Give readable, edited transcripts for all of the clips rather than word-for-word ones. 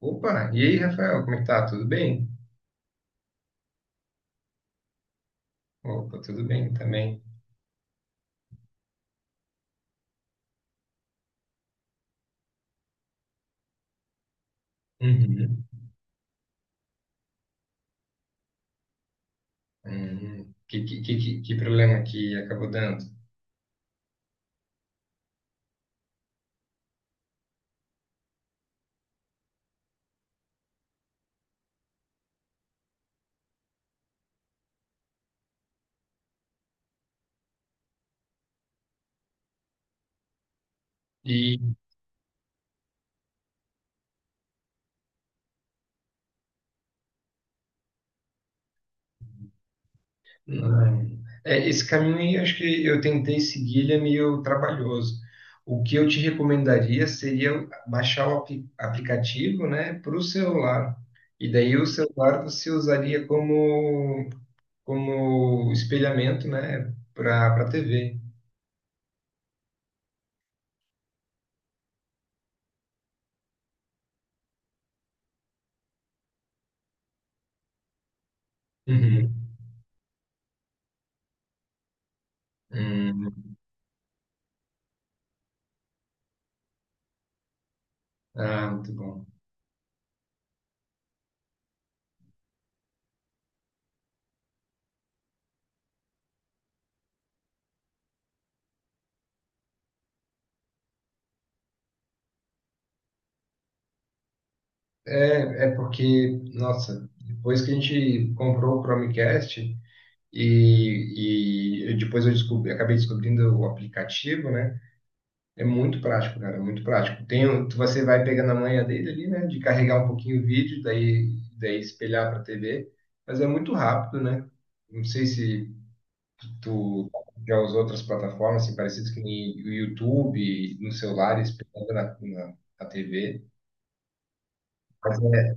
Opa, e aí, Rafael, como é que tá? Tudo bem? Opa, tudo bem também. Uhum. Que problema que acabou dando? E não. É, esse caminho aí, acho que eu tentei seguir, ele é meio trabalhoso. O que eu te recomendaria seria baixar o aplicativo, né, para o celular. E daí o celular você usaria como espelhamento, né, para a TV. Uhum. Hum. Ah, muito bom. É porque, nossa, depois que a gente comprou o Chromecast e depois eu descobri, acabei descobrindo o aplicativo, né? É muito prático, cara, é muito prático. Tem, você vai pegando a manha dele ali, né? De carregar um pouquinho o vídeo, daí espelhar para a TV, mas é muito rápido, né? Não sei se tu já usou outras plataformas assim, parecidas que nem o YouTube, no celular, espelhando na TV. Mas é.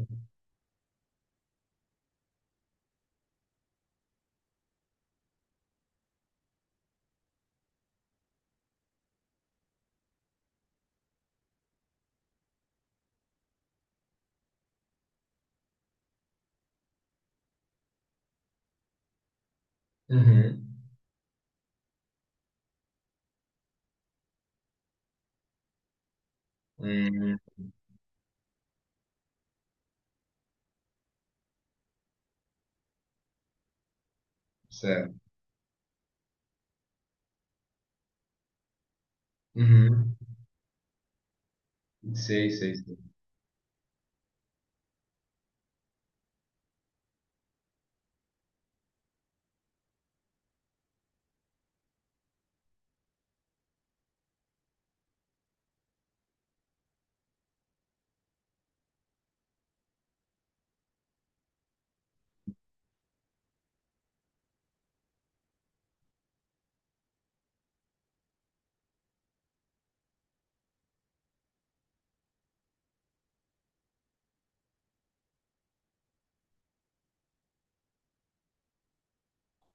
Uhum. Hum, certo. Uhum. Sei, sei, sei.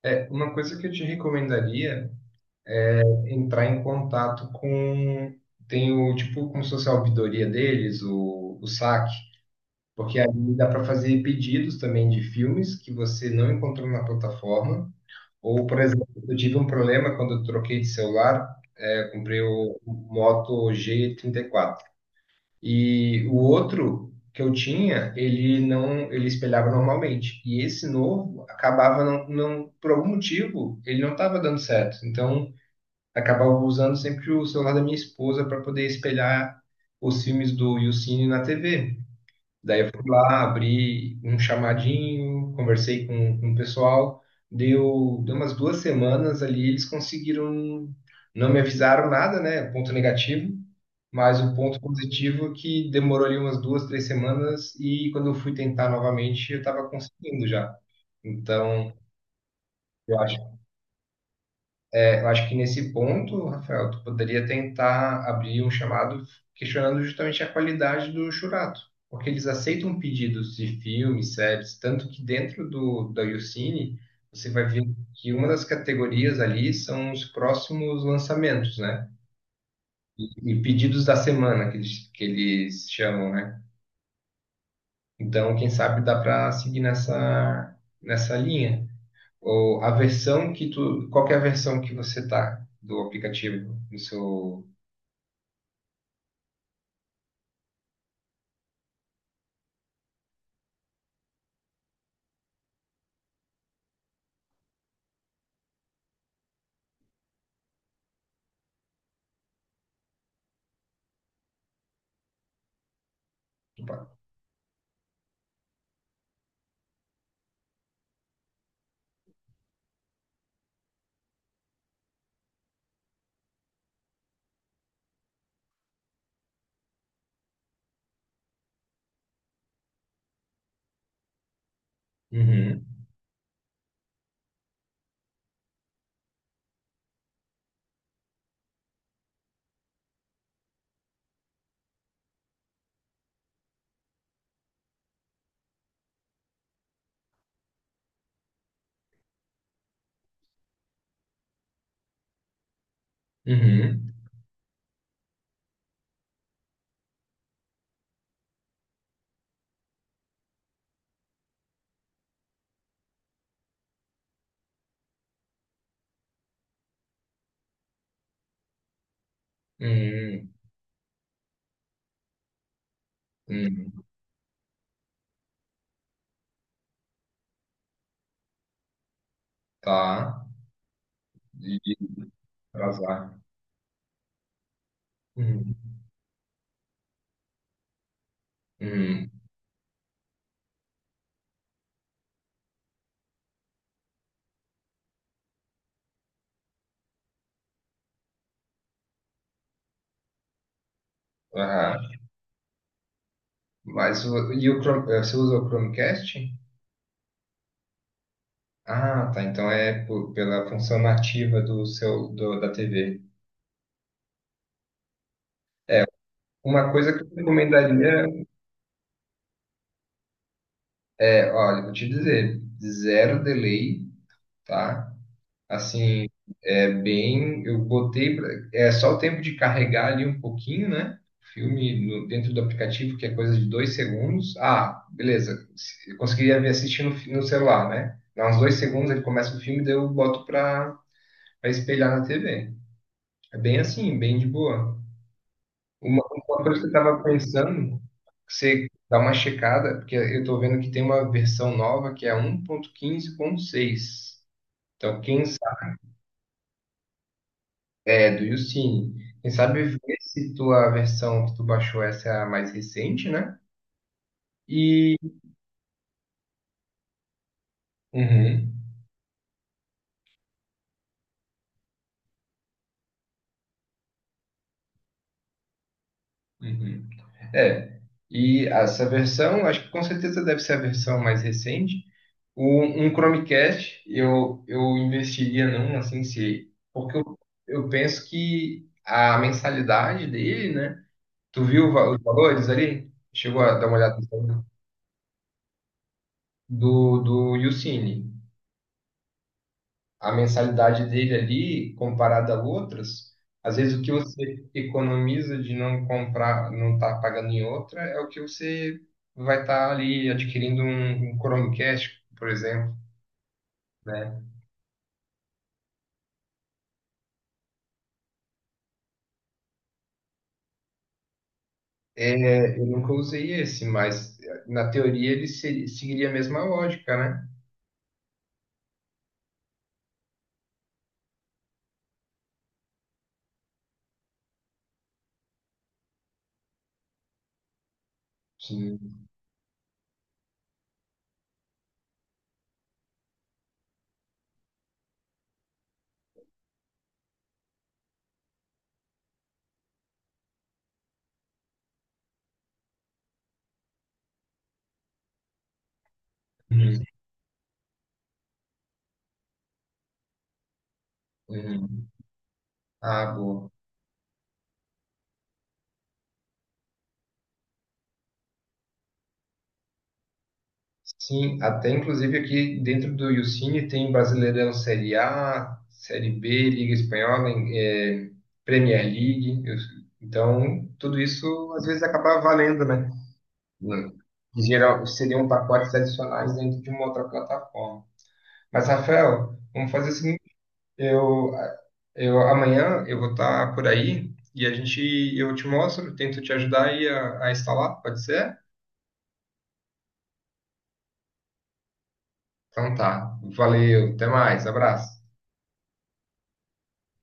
Uma coisa que eu te recomendaria é entrar em contato com. Tem o tipo, como se fosse a ouvidoria deles, o SAC, porque ali dá para fazer pedidos também de filmes que você não encontrou na plataforma. Ou, por exemplo, eu tive um problema quando eu troquei de celular, eu comprei o Moto G 34. E o outro que eu tinha, ele não, ele espelhava normalmente. E esse novo acabava não, por algum motivo, ele não estava dando certo. Então, acabava usando sempre o celular da minha esposa para poder espelhar os filmes do Yucine na TV. Daí eu fui lá, abri um chamadinho, conversei com o pessoal. Deu umas 2 semanas ali, eles conseguiram. Não me avisaram nada, né? Um ponto negativo. Mas o ponto positivo é que demorou ali umas 2, 3 semanas. E quando eu fui tentar novamente, eu estava conseguindo já. Então, eu acho eu acho que nesse ponto, Rafael, tu poderia tentar abrir um chamado questionando justamente a qualidade do Churato, porque eles aceitam pedidos de filmes, séries, tanto que dentro do da YouCine você vai ver que uma das categorias ali são os próximos lançamentos, né? E pedidos da semana que eles chamam, né? Então, quem sabe dá para seguir nessa linha. Ou a versão que tu, qual que é a versão que você tá do aplicativo no seu. Opa. Uhum, uhum, uhum, uhum, tá. De atrasar. Uhum, uhum, aham. Mas e o Chrome, você usa o Chromecast? Ah, tá. Então é pela função nativa do da TV. Uma coisa que eu recomendaria é, olha, vou te dizer, zero delay, tá? Assim, é bem. É só o tempo de carregar ali um pouquinho, né? O filme dentro do aplicativo, que é coisa de 2 segundos. Ah, beleza. Eu conseguiria me assistir no, no celular, né? Dá uns 2 segundos, ele começa o filme, daí eu boto para pra espelhar na TV. É bem assim, bem de boa. Uma coisa que eu estava pensando, você dá uma checada, porque eu estou vendo que tem uma versão nova que é 1.15.6. Então, quem É, do YouCine. Quem sabe ver se tua versão que tu baixou essa é a mais recente, né? E. Uhum, uhum. É. E essa versão, acho que com certeza deve ser a versão mais recente. Um Chromecast, eu investiria num, assim, se. Porque eu penso que a mensalidade dele, né? Tu viu o os valores ali? Chegou a dar uma olhada no valor? Do YouCine. A mensalidade dele ali, comparada a outras, às vezes o que você economiza de não comprar, não estar pagando em outra, é o que você vai estar ali adquirindo um Chromecast, por exemplo, né? É, eu nunca usei esse, mas na teoria ele seguiria a mesma lógica, né? Sim. Uhum. Uhum. Ah, boa. Sim, até inclusive aqui dentro do Yucine tem Brasileirão Série A, Série B, Liga Espanhola, Premier League. Então, tudo isso às vezes acaba valendo, né? Hum. Em geral, seriam pacotes adicionais dentro de uma outra plataforma. Mas, Rafael, vamos fazer o seguinte, eu, eu vou estar por aí e a gente eu te mostro, tento te ajudar aí a instalar, pode ser? Então tá. Valeu, até mais, abraço.